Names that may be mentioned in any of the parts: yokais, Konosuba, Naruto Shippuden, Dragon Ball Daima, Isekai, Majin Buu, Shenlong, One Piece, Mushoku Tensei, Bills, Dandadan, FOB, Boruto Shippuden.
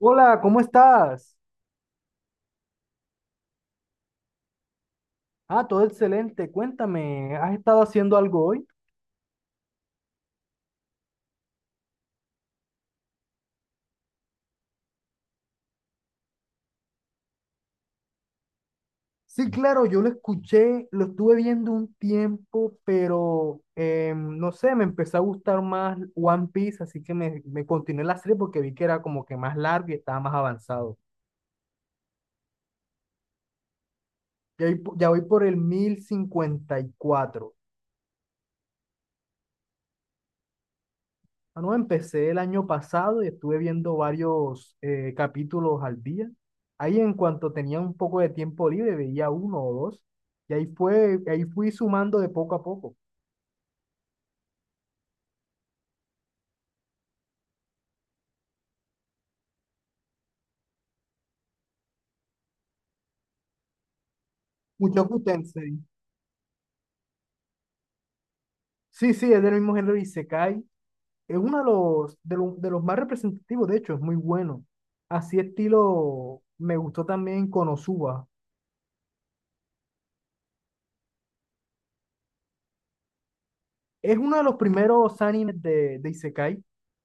Hola, ¿cómo estás? Ah, todo excelente. Cuéntame, ¿has estado haciendo algo hoy? Sí, claro, yo lo escuché, lo estuve viendo un tiempo, pero no sé, me empezó a gustar más One Piece, así que me continué la serie porque vi que era como que más largo y estaba más avanzado. Ya voy, ya voy por el 1054. Ah, no, empecé el año pasado y estuve viendo varios capítulos al día. Ahí en cuanto tenía un poco de tiempo libre, veía uno o dos. Y ahí fui sumando de poco a poco. Mushoku Tensei. Sí, sí, es del mismo género Isekai. Es uno de los más representativos, de hecho, es muy bueno. Así estilo, me gustó también Konosuba. Es uno de los primeros animes de Isekai.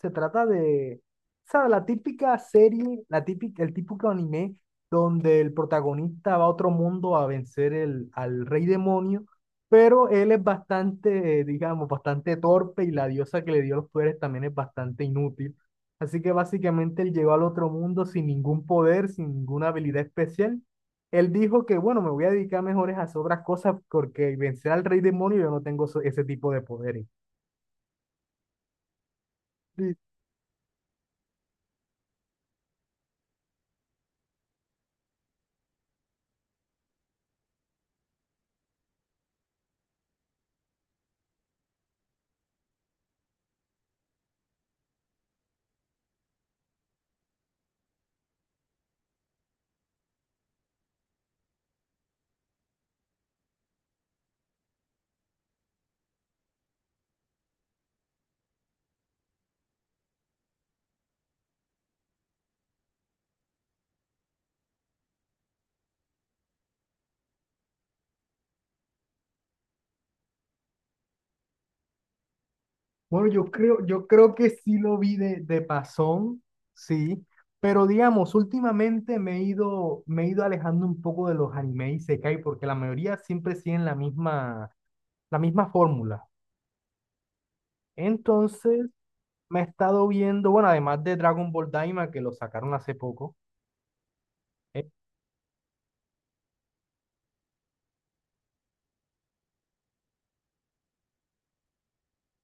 Se trata de, o sea, la típica serie, el típico anime donde el protagonista va a otro mundo a vencer al rey demonio, pero él es bastante, digamos, bastante torpe y la diosa que le dio los poderes también es bastante inútil. Así que básicamente él llegó al otro mundo sin ningún poder, sin ninguna habilidad especial. Él dijo que, bueno, me voy a dedicar mejores a hacer otras cosas porque vencer al rey demonio yo no tengo ese tipo de poderes. Sí. Bueno, yo creo que sí lo vi de pasón. Sí, pero digamos, últimamente me he ido alejando un poco de los animes Isekai porque la mayoría siempre siguen la misma fórmula. Entonces, me he estado viendo, bueno, además de Dragon Ball Daima, que lo sacaron hace poco, eh,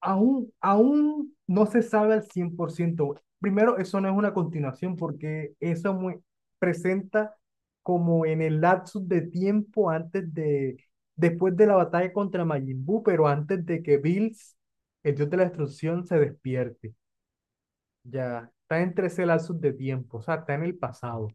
aún, no se sabe al 100%. Primero, eso no es una continuación porque presenta como en el lapsus de tiempo antes de, después de la batalla contra Majin Buu, pero antes de que Bills, el dios de la destrucción, se despierte. Ya, está entre ese lapsus de tiempo, o sea, está en el pasado.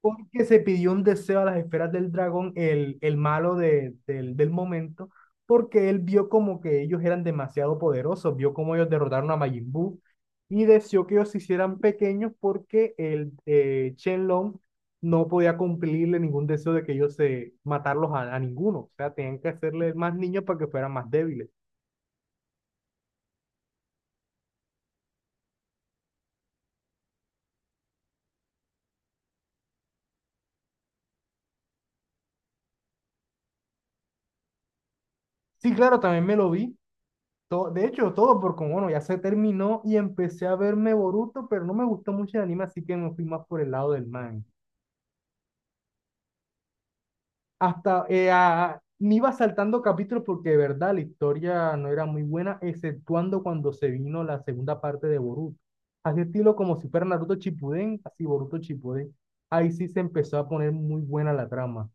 Porque se pidió un deseo a las esferas del dragón, el malo del momento, porque él vio como que ellos eran demasiado poderosos, vio como ellos derrotaron a Majin Buu y deseó que ellos se hicieran pequeños porque el Shenlong no podía cumplirle ningún deseo de que ellos se matarlos a ninguno, o sea, tenían que hacerle más niños para que fueran más débiles. Sí, claro, también me lo vi. De hecho, todo porque, bueno, ya se terminó y empecé a verme Boruto, pero no me gustó mucho el anime, así que me fui más por el lado del manga. Hasta me iba saltando capítulos porque de verdad la historia no era muy buena, exceptuando cuando se vino la segunda parte de Boruto. Así estilo como si fuera Naruto Shippuden, así Boruto Shippuden. Ahí sí se empezó a poner muy buena la trama.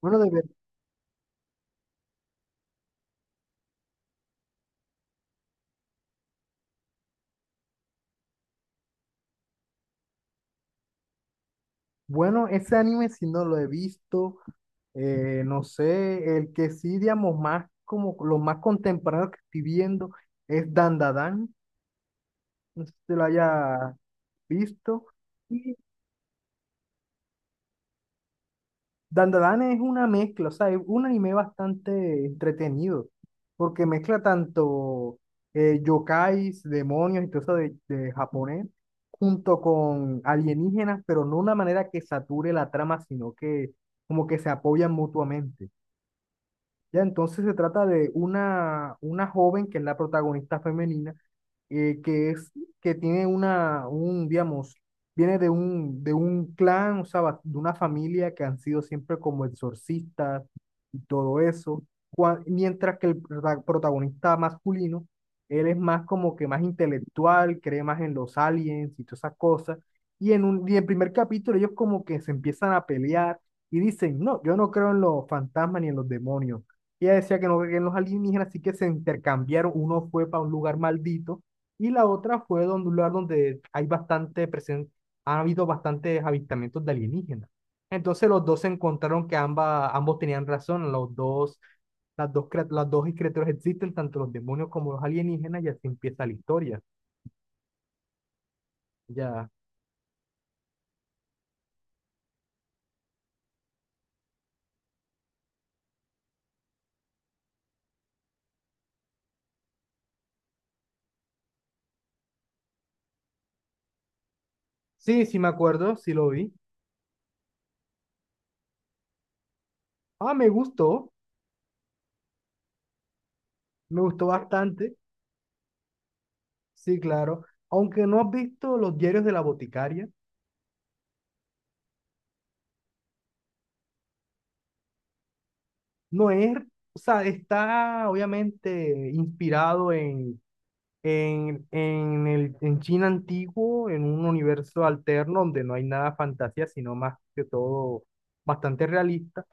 Bueno, de ver- bueno, ese anime si no lo he visto. No sé, el que sí, digamos, más como los más contemporáneos que estoy viendo es Dandadan, no sé si te lo haya visto. Y Dandadan es una mezcla, o sea, es un anime bastante entretenido, porque mezcla tanto yokais, demonios y todo eso de japonés, junto con alienígenas, pero no una manera que sature la trama, sino que como que se apoyan mutuamente. Ya, entonces se trata de una joven que es la protagonista femenina, eh, que es, que tiene digamos, viene de un clan, o sea, de una familia que han sido siempre como exorcistas y todo eso. Mientras que el protagonista masculino, él es más como que más intelectual, cree más en los aliens y todas esas cosas, y en el primer capítulo ellos como que se empiezan a pelear y dicen, no, yo no creo en los fantasmas ni en los demonios, y ella decía que no creía en los alienígenas, así que se intercambiaron. Uno fue para un lugar maldito y la otra fue donde un lugar donde hay ha habido bastantes avistamientos de alienígenas. Entonces los dos se encontraron que ambos tenían razón, los dos, las dos, crea- las dos criaturas existen, tanto los demonios como los alienígenas, y así empieza la historia. Ya. Sí, sí me acuerdo, sí lo vi. Ah, me gustó bastante. Sí, claro. Aunque no has visto Los Diarios de la Boticaria. No es, o sea, está obviamente inspirado en China antiguo, en un universo alterno donde no hay nada de fantasía, sino más que todo bastante realista,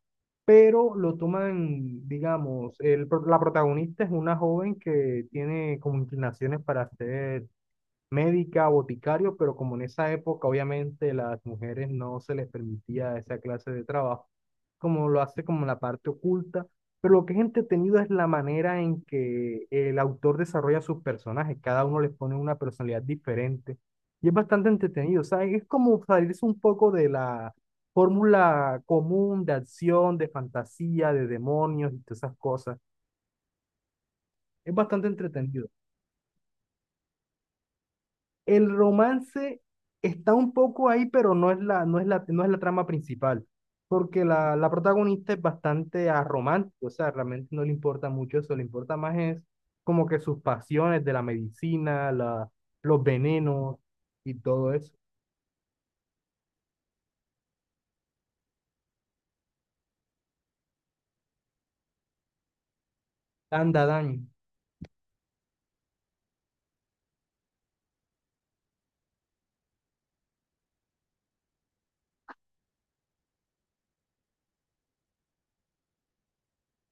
pero lo toman, digamos, la protagonista es una joven que tiene como inclinaciones para hacer médica, boticario, pero como en esa época obviamente las mujeres no se les permitía esa clase de trabajo, como lo hace como la parte oculta, pero lo que es entretenido es la manera en que el autor desarrolla sus personajes, cada uno les pone una personalidad diferente y es bastante entretenido, o sea, es como salirse un poco de la fórmula común de acción, de fantasía, de demonios y todas esas cosas, es bastante entretenido. El romance está un poco ahí, pero no es la trama principal, porque la protagonista es bastante aromántica, o sea, realmente no le importa mucho eso, le importa más es como que sus pasiones de la medicina, los venenos y todo eso. Anda, Dani.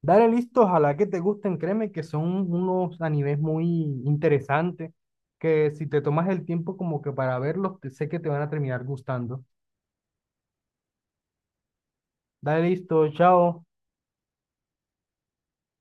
Dale, listo, ojalá que te gusten, créeme que son unos animes muy interesantes, que si te tomas el tiempo como que para verlos, sé que te van a terminar gustando. Dale, listo, chao.